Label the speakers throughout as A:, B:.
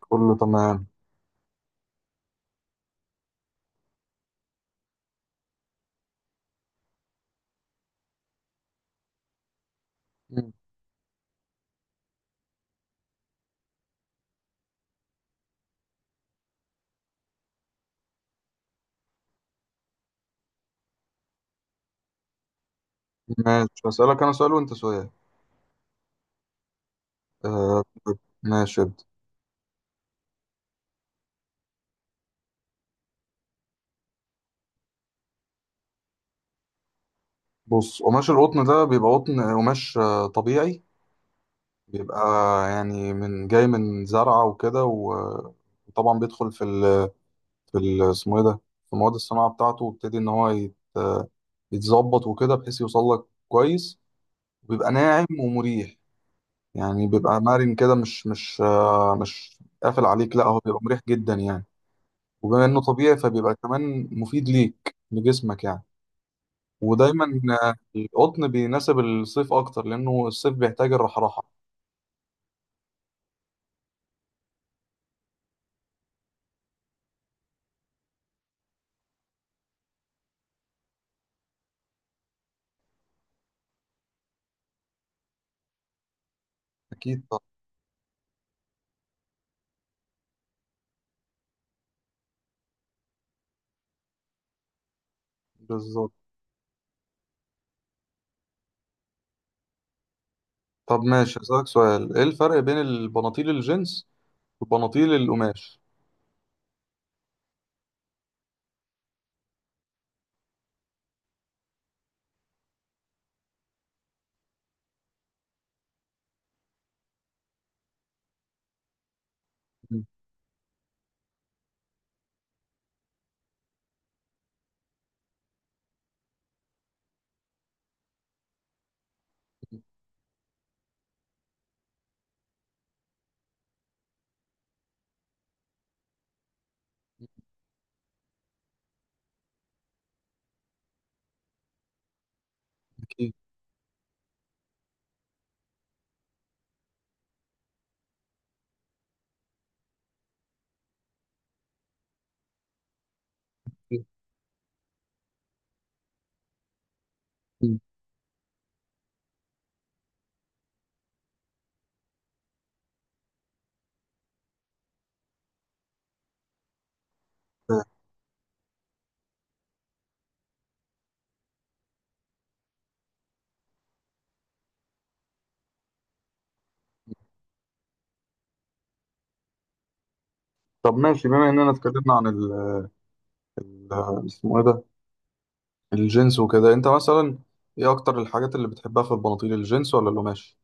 A: كله تمام. مم. ماشي، هسألك أنا سؤال وأنت سؤال. طيب. ماشي، ابدأ. بص، قماش القطن ده بيبقى قطن قماش طبيعي، بيبقى يعني من جاي من زرعة وكده وطبعا بيدخل في ال، اسمه إيه ده، في مواد الصناعة بتاعته، ويبتدي إن هو يتظبط وكده بحيث يوصل لك كويس، وبيبقى ناعم ومريح. يعني بيبقى مرن كده، مش قافل عليك، لا هو بيبقى مريح جدا يعني. وبما انه طبيعي فبيبقى كمان مفيد ليك لجسمك يعني. ودايما القطن بيناسب الصيف اكتر لانه الصيف بيحتاج الرحراحه. اكيد طبعا. بالظبط. طب ماشي، اسالك سؤال: ايه الفرق بين البناطيل الجينز وبناطيل القماش؟ مم. اكيد. مم. طب ماشي، بما اننا اتكلمنا عن اسمه ايه ده، الجينز وكده، انت مثلا ايه اكتر الحاجات اللي بتحبها، في البناطيل الجينز ولا القماش؟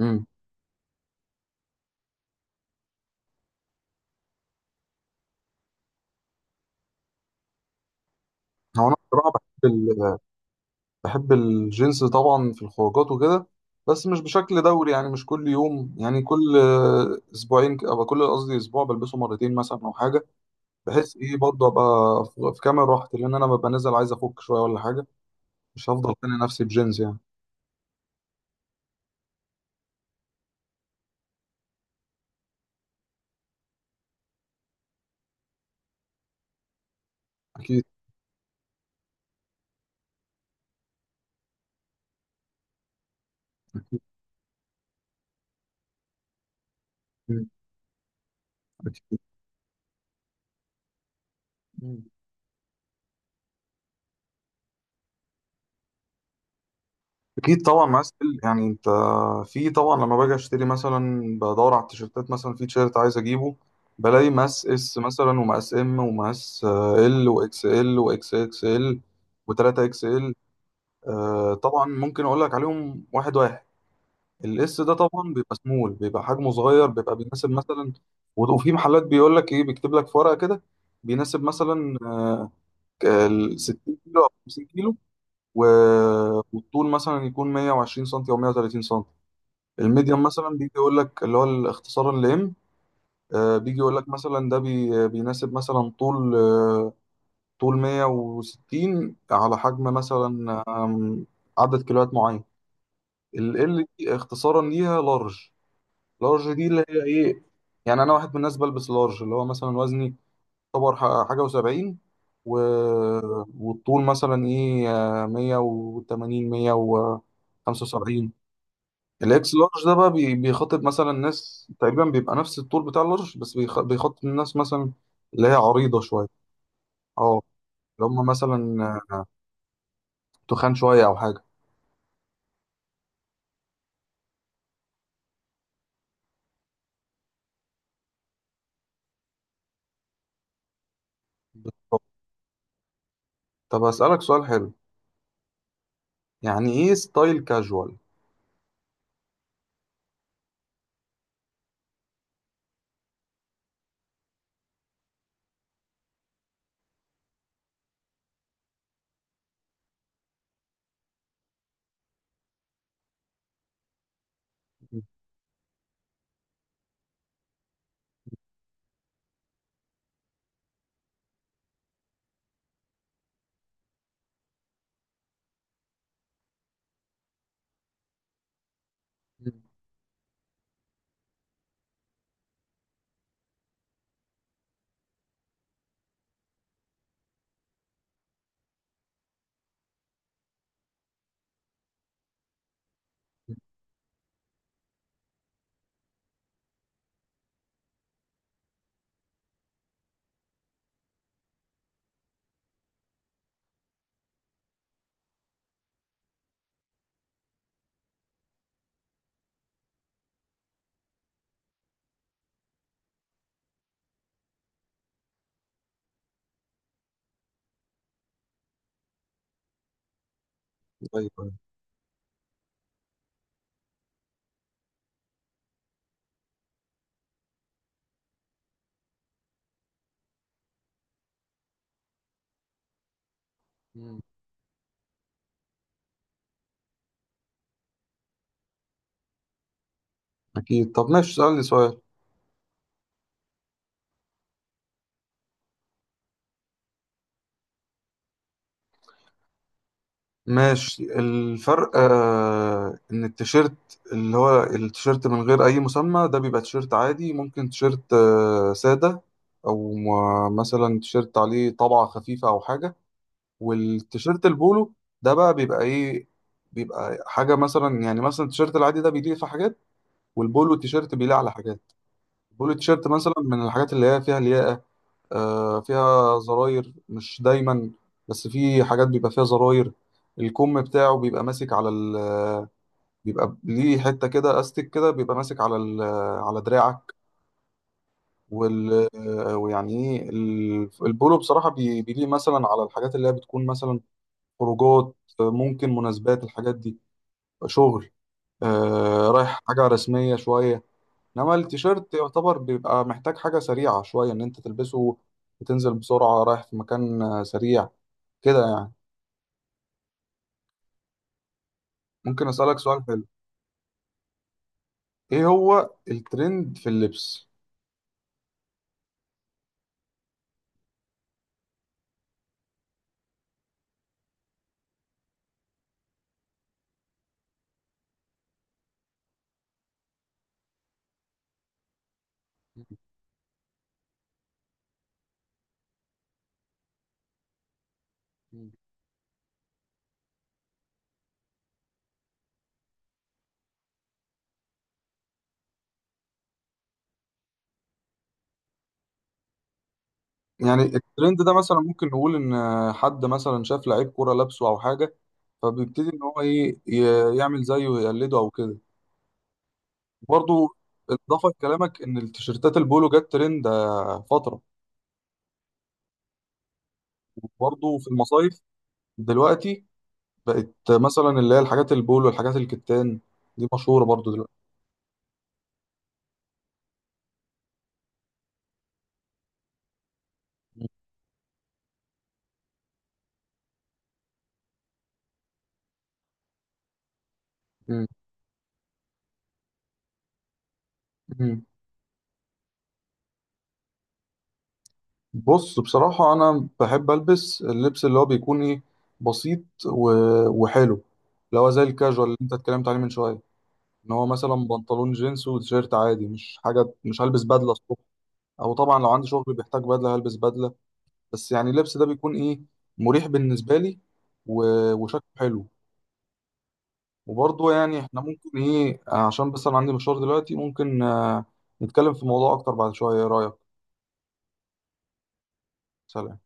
A: امم. هو انا بصراحه بحب بحب الجنس طبعا في الخروجات وكده، بس مش بشكل دوري، يعني مش كل يوم، يعني كل اسبوعين، أو كل، قصدي اسبوع، بلبسه مرتين مثلا او حاجه، بحيث ايه برضه ابقى في كامل راحتي، لان انا ببقى نازل عايز افك شويه ولا حاجه، مش هفضل خانق نفسي بجينز يعني. اكيد. اكيد. اكيد. اكيد طبعا، معايا سكيل. يعني انت في، طبعا لما باجي اشتري مثلا، بدور على التيشيرتات، مثلا في تيشيرت عايز اجيبه، بلاقي مقاس اس مثلا، ومقاس ام، ومقاس ال واكس ال، واكس اكس ال، و3 اكس ال. طبعا ممكن اقول لك عليهم واحد واحد. الاس ده طبعا بيبقى سمول، بيبقى حجمه صغير، بيبقى بيناسب مثلا، وفي محلات بيقول لك ايه، بيكتب لك في ورقه كده: بيناسب مثلا ال 60 كيلو او 50 كيلو، و... والطول مثلا يكون 120 سم او 130 سم. الميديم مثلا بيجي يقول لك، اللي هو الاختصار اللي ام، بيجي يقول لك مثلا ده بيناسب مثلا، طول 160، على حجم مثلا عدد كيلوات معين. ال دي اختصارا ليها لارج. لارج دي اللي هي ايه، يعني انا واحد من الناس بلبس لارج، اللي هو مثلا وزني يعتبر حاجه و70، و... والطول مثلا ايه 180، 175. الاكس لارج ده بقى بيخاطب مثلا ناس تقريبا، بيبقى نفس الطول بتاع اللارج، بس بيخاطب الناس مثلا اللي هي عريضة شوية، اه، اللي هم مثلا تخان شوية أو حاجة. طب أسألك سؤال حلو: يعني إيه ستايل كاجوال؟ أيوه. أيوه. أكيد. طب ماشي، سألني سؤال. ماشي، الفرق ان التيشيرت، اللي هو التيشيرت من غير اي مسمى ده بيبقى تيشيرت عادي، ممكن تيشيرت سادة، او مثلا تيشيرت عليه طبعة خفيفة او حاجة. والتيشيرت البولو ده بقى بيبقى ايه، بيبقى حاجة مثلا. يعني مثلا التيشيرت العادي ده بيليق في حاجات، والبولو التيشيرت بيليق على حاجات. البولو التيشيرت مثلا من الحاجات اللي هي فيها لياقة، فيها زراير، مش دايما، بس في حاجات بيبقى فيها زراير. الكم بتاعه بيبقى ماسك على ال، بيبقى ليه حتة كده استك كده، بيبقى ماسك على ال، على دراعك، وال، ويعني ايه البولو، بصراحة بيليه مثلا على الحاجات اللي هي بتكون مثلا خروجات، ممكن مناسبات، الحاجات دي شغل، رايح حاجة رسمية شوية. انما التيشيرت يعتبر بيبقى محتاج حاجة سريعة شوية ان انت تلبسه وتنزل بسرعة رايح في مكان سريع، كده يعني. ممكن أسألك سؤال حلو: إيه هو الترند في اللبس؟ مم. يعني الترند ده مثلا ممكن نقول إن حد مثلا شاف لعيب كورة لابسه أو حاجة، فبيبتدي إن هو إيه، يعمل زيه ويقلده أو كده. برضه إضافة لكلامك، إن التيشيرتات البولو جت ترند فترة. وبرضه في المصايف دلوقتي بقت مثلا اللي هي الحاجات البولو، الحاجات الكتان، دي مشهورة برضه دلوقتي. مم. مم. بص، بصراحة أنا بحب ألبس اللبس اللي هو بيكون إيه، بسيط و... وحلو، اللي هو زي الكاجوال اللي أنت اتكلمت عليه من شوية، إن هو مثلا بنطلون جينز وتيشيرت عادي، مش حاجة، مش هلبس بدلة الصبح. أو طبعا لو عندي شغل بيحتاج بدلة هلبس بدلة. بس يعني اللبس ده بيكون إيه، مريح بالنسبة لي و... وشكله حلو. وبرضه يعني إحنا ممكن إيه، عشان بس أنا عندي مشوار دلوقتي، ممكن نتكلم في الموضوع أكتر بعد شوية. إيه رأيك؟ سلام.